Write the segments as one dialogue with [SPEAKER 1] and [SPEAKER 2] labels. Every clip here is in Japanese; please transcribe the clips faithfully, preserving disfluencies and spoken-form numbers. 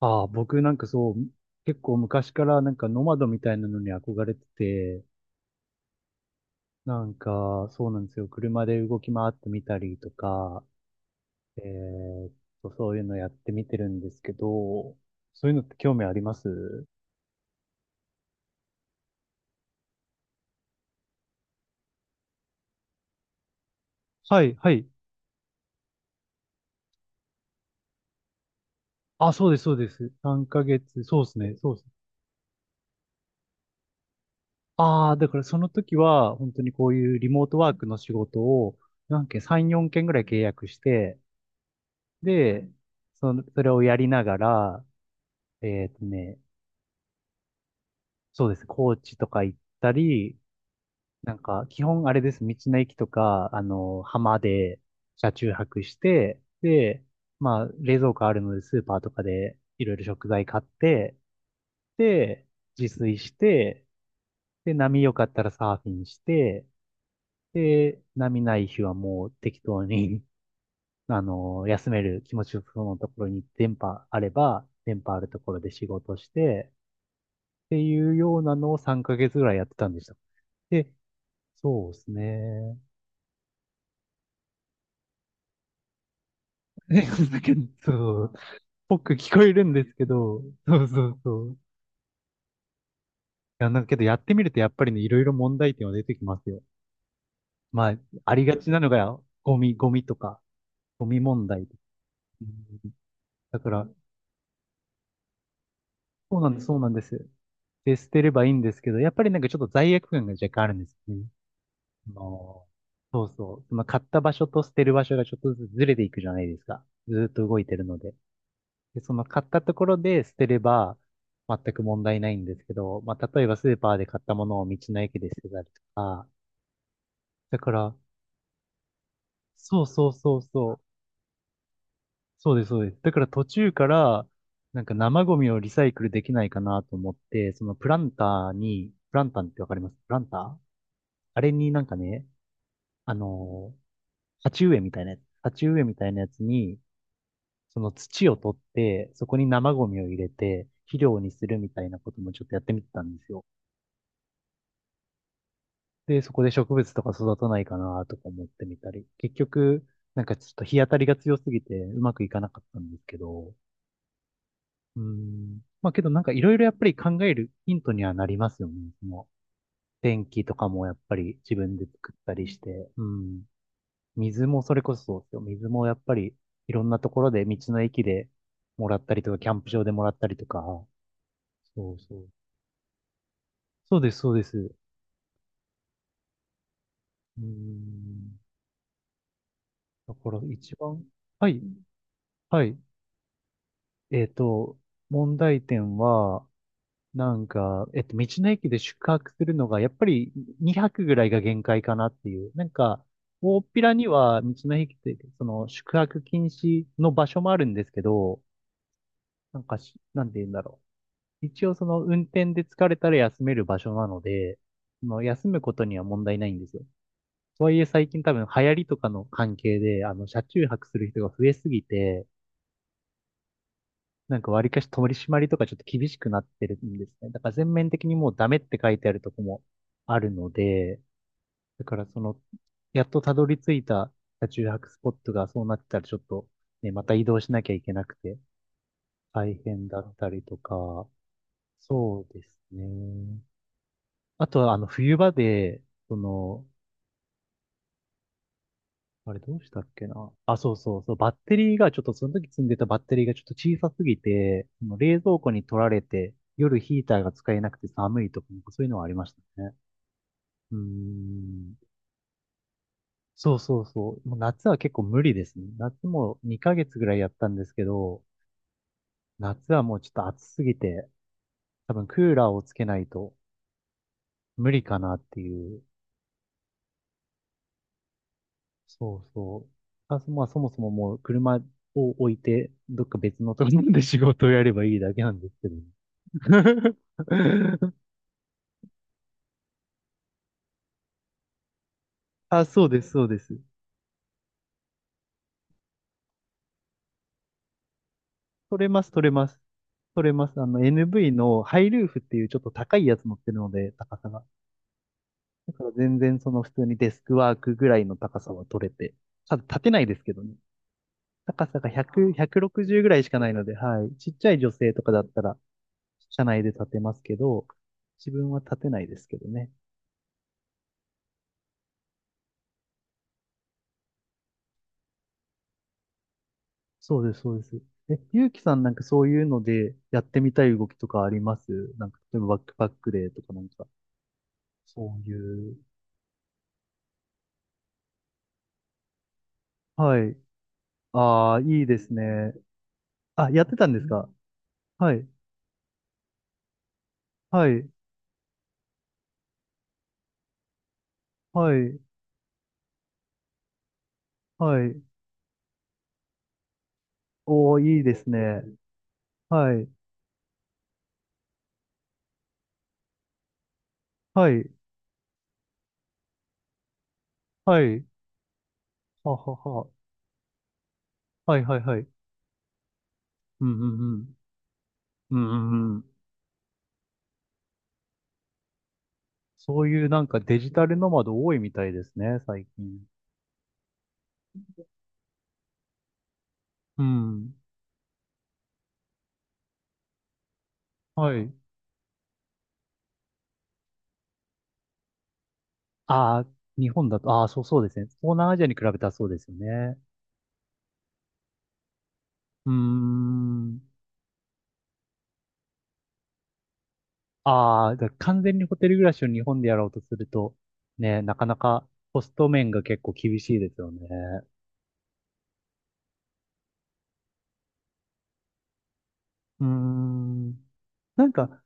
[SPEAKER 1] ああ、僕なんかそう、結構昔からなんかノマドみたいなのに憧れてて、なんかそうなんですよ。車で動き回ってみたりとか、えーっと、そういうのやってみてるんですけど、そういうのって興味あります？はい、はい。あ、そうです、そうです。さんかげつ、そうですね、そうです。ああ、だからその時は本当にこういうリモートワークの仕事を何件、さん、よんけんぐらい契約して、で、その、それをやりながら、えーっとね、そうです。高知とか行ったり、なんか、基本あれです。道の駅とか、あの、浜で車中泊して、で、まあ、冷蔵庫あるので、スーパーとかでいろいろ食材買って、で、自炊して、で、波良かったらサーフィンして、で、波ない日はもう適当に、あの、休める気持ちよそうなところに電波あれば、電波あるところで仕事して、っていうようなのをさんかげつぐらいやってたんでした。で、そうですね。だけど、そう。僕聞こえるんですけど、そうそうそう。いや、なんかけどやってみるとやっぱりね、いろいろ問題点は出てきますよ。まあ、ありがちなのが、ゴミ、ゴミとか、ゴミ問題。うん。だから、そうなんです、そうなんです。で、捨てればいいんですけど、やっぱりなんかちょっと罪悪感が若干あるんですよね。あのそうそう。その買った場所と捨てる場所がちょっとずつずれていくじゃないですか。ずーっと動いてるので。で、その買ったところで捨てれば全く問題ないんですけど、まあ、例えばスーパーで買ったものを道の駅で捨てたりとか、だから、そうそうそうそう、そうです、そうです。だから途中から、なんか生ゴミをリサイクルできないかなと思って、そのプランターに、プランターってわかります？プランター？あれになんかね、あのー鉢植えみたいなやつ、鉢植えみたいなやつに、その土を取って、そこに生ゴミを入れて、肥料にするみたいなこともちょっとやってみてたんですよ。で、そこで植物とか育たないかなとか思ってみたり、結局、なんかちょっと日当たりが強すぎてうまくいかなかったんですけど、うーん。まあけどなんかいろいろやっぱり考えるヒントにはなりますよね。その天気とかもやっぱり自分で作ったりして、うん。水もそれこそそうですよ。水もやっぱりいろんなところで道の駅でもらったりとか、キャンプ場でもらったりとか、そうそう。そうです、そうです。うーん。だから一番、はい、はい。えっと、問題点は、なんか、えっと、道の駅で宿泊するのが、やっぱりにはくぐらいが限界かなっていう。なんか、大っぴらには道の駅って、その宿泊禁止の場所もあるんですけど、なんかし、なんて言うんだろう。一応その運転で疲れたら休める場所なので、その休むことには問題ないんですよ。とはいえ最近多分流行りとかの関係で、あの、車中泊する人が増えすぎて、なんか割りかし取り締まりとかちょっと厳しくなってるんですね。だから全面的にもうダメって書いてあるとこもあるので、だからその、やっとたどり着いた車中泊スポットがそうなってたらちょっとね、また移動しなきゃいけなくて大変だったりとか、そうですね。あとはあの冬場で、その、あれどうしたっけな。あ、そうそうそう。バッテリーがちょっとその時積んでたバッテリーがちょっと小さすぎて、その冷蔵庫に取られて、夜ヒーターが使えなくて寒いとか、なんかそういうのはありましたね。うーん。そうそうそう。もう夏は結構無理ですね。夏もにかげつぐらいやったんですけど、夏はもうちょっと暑すぎて、多分クーラーをつけないと無理かなっていう。そうそう。あ、そまあそもそももう車を置いて、どっか別のところで仕事をやればいいだけなんですけどね。あ、そうです、そうです。取れます、取れます。取れます。あの、エヌブイ のハイルーフっていうちょっと高いやつ乗ってるので、高さが。だから全然その普通にデスクワークぐらいの高さは取れて。ただ立てないですけどね。高さがひゃく、ひゃくろくじゅうぐらいしかないので、はい。ちっちゃい女性とかだったら、車内で立てますけど、自分は立てないですけどね。そうです、そうです。え、ゆうきさんなんかそういうのでやってみたい動きとかあります？なんか、例えばバックパックでとかなんか。そういう、はい。ああ、いいですね。あ、やってたんですか？はい。はい。はい。はい。おー、いいですね。はい。はい。はい。ははは。はい。はい。はい。うんうんうん。うんうんうん。そういうなんかデジタルノマド多いみたいですね、最近。うん。はい。ああ、日本だと、ああ、そうそうですね。東南アジアに比べたらそうですよね。うーん。ああ、だから完全にホテル暮らしを日本でやろうとすると、ね、なかなかコスト面が結構厳しいですよね。うーん。なん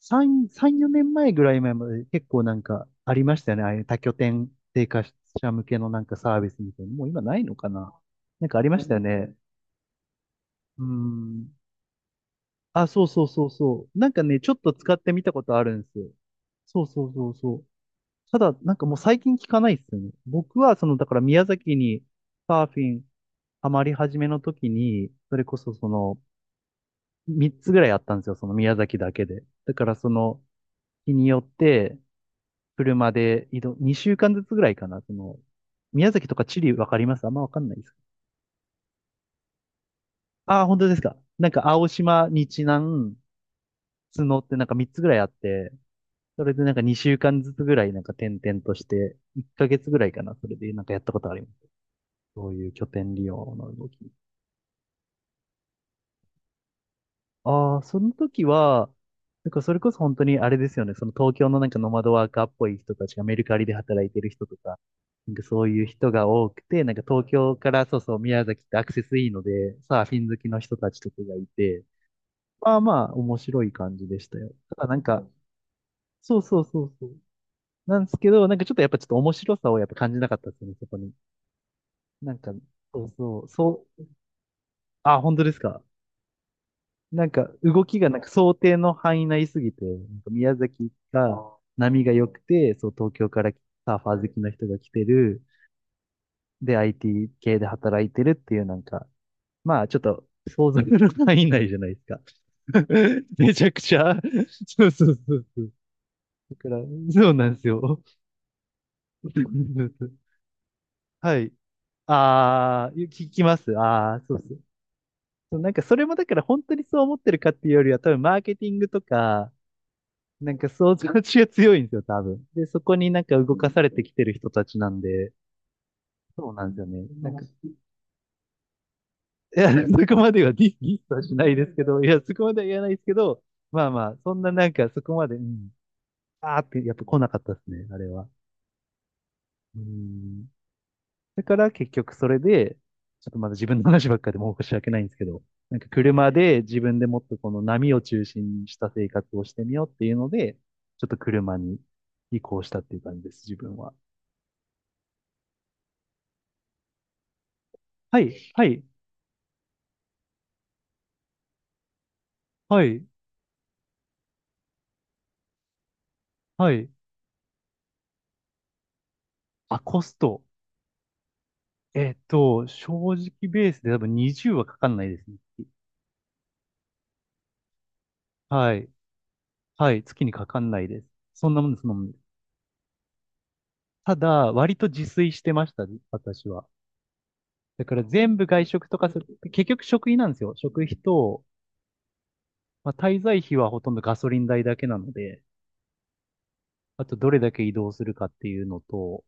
[SPEAKER 1] か、3、3、よねんまえぐらい前まで結構なんかありましたよね。ああいう多拠点生活者向けのなんかサービスみたいな。もう今ないのかな？なんかありましたよね。うーん。あ、そうそうそうそう。なんかね、ちょっと使ってみたことあるんですよ。そうそうそうそう。ただ、なんかもう最近聞かないですよね。僕は、その、だから宮崎にサーフィンハマり始めの時に、それこそその、みっつぐらいあったんですよ、その宮崎だけで。だからその、日によって、車で移動、にしゅうかんずつぐらいかな、その、宮崎とか地理わかります？あんまわかんないです。ああ、本当ですか。なんか青島、日南、角ってなんかみっつぐらいあって、それでなんかにしゅうかんずつぐらいなんか転々として、いっかげつぐらいかな、それでなんかやったことあります。そういう拠点利用の動き。ああ、その時は、なんかそれこそ本当にあれですよね。その東京のなんかノマドワーカーっぽい人たちがメルカリで働いてる人とか、なんかそういう人が多くて、なんか東京からそうそう宮崎ってアクセスいいので、サーフィン好きの人たちとかがいて、まあまあ面白い感じでしたよ。ただなんか、そうそうそうそう。なんですけど、なんかちょっとやっぱちょっと面白さをやっぱ感じなかったですよね、そこに。なんか、そうそう、そう、あ、本当ですか。なんか動きがなんか想定の範囲内すぎて、なんか宮崎が波が良くて、そう東京からサーファー好きの人が来てる、で アイティー 系で働いてるっていうなんか、まあちょっと想像の範囲内じゃないですか。めちゃくちゃ。そうそうそうそう。だから、そうなんですよ。はい。ああ、聞きます。ああ、そうそう。そうなんかそれもだから本当にそう思ってるかっていうよりは多分マーケティングとか、なんか想像力が強いんですよ、多分。で、そこになんか動かされてきてる人たちなんで、そうなんですよね。なんか、いや、そこまではディス、ディスはしないですけど、いや、そこまでは言わないですけど、まあまあ、そんななんかそこまで、うん、あーってやっぱ来なかったですね、あれは。うん。だから結局それで、ちょっとまだ自分の話ばっかりでもう申し訳ないんですけど、なんか車で自分でもっとこの波を中心にした生活をしてみようっていうので、ちょっと車に移行したっていう感じです、自分は。はい、はい。はい、はい。あ、コスト。えっと、正直ベースで多分にじゅうはかかんないですね。はい。はい。月にかかんないです。そんなもんです、そんなもんです。ただ、割と自炊してましたね、私は。だから全部外食とかする、結局食費なんですよ。食費と、まあ、滞在費はほとんどガソリン代だけなので、あとどれだけ移動するかっていうのと、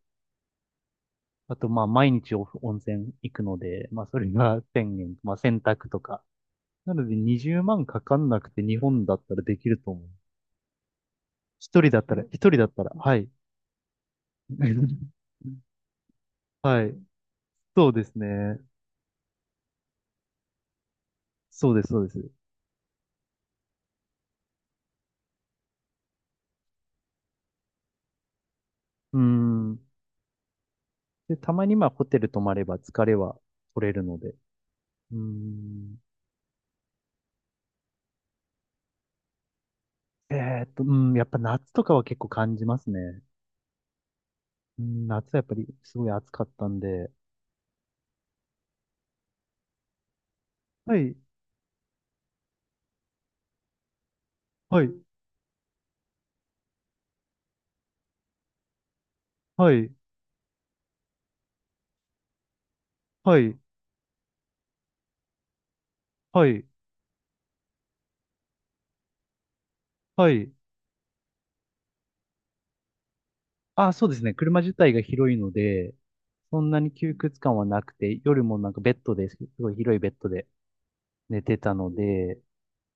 [SPEAKER 1] あとまあ毎日お温泉行くので、まあそれが いち ぜろ ぜろまあ洗濯とか、なのでにじゅうまんかかんなくて日本だったらできると思う。一人だったら、一人だったら、はい。はい。そうですね。そうです、そうです。うーん。で、たまにまあホテル泊まれば疲れは取れるので。うーん。えーっと、うん、やっぱ夏とかは結構感じますね。うん、夏はやっぱりすごい暑かったんで。はい、はい、はい、はい、はい、はい。あ、そうですね。車自体が広いので、そんなに窮屈感はなくて、夜もなんかベッドです。すごい広いベッドで寝てたので、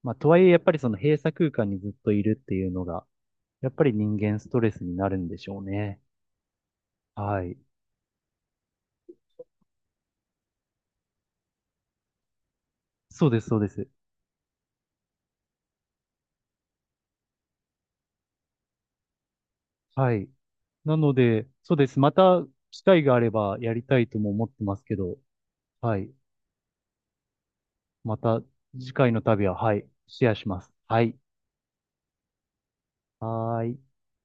[SPEAKER 1] まあ、とはいえやっぱりその閉鎖空間にずっといるっていうのが、やっぱり人間ストレスになるんでしょうね。はい。そうです、そうです。はい。なので、そうです。また機会があればやりたいとも思ってますけど、はい。また次回の旅は、はい、シェアします。はい。はーい。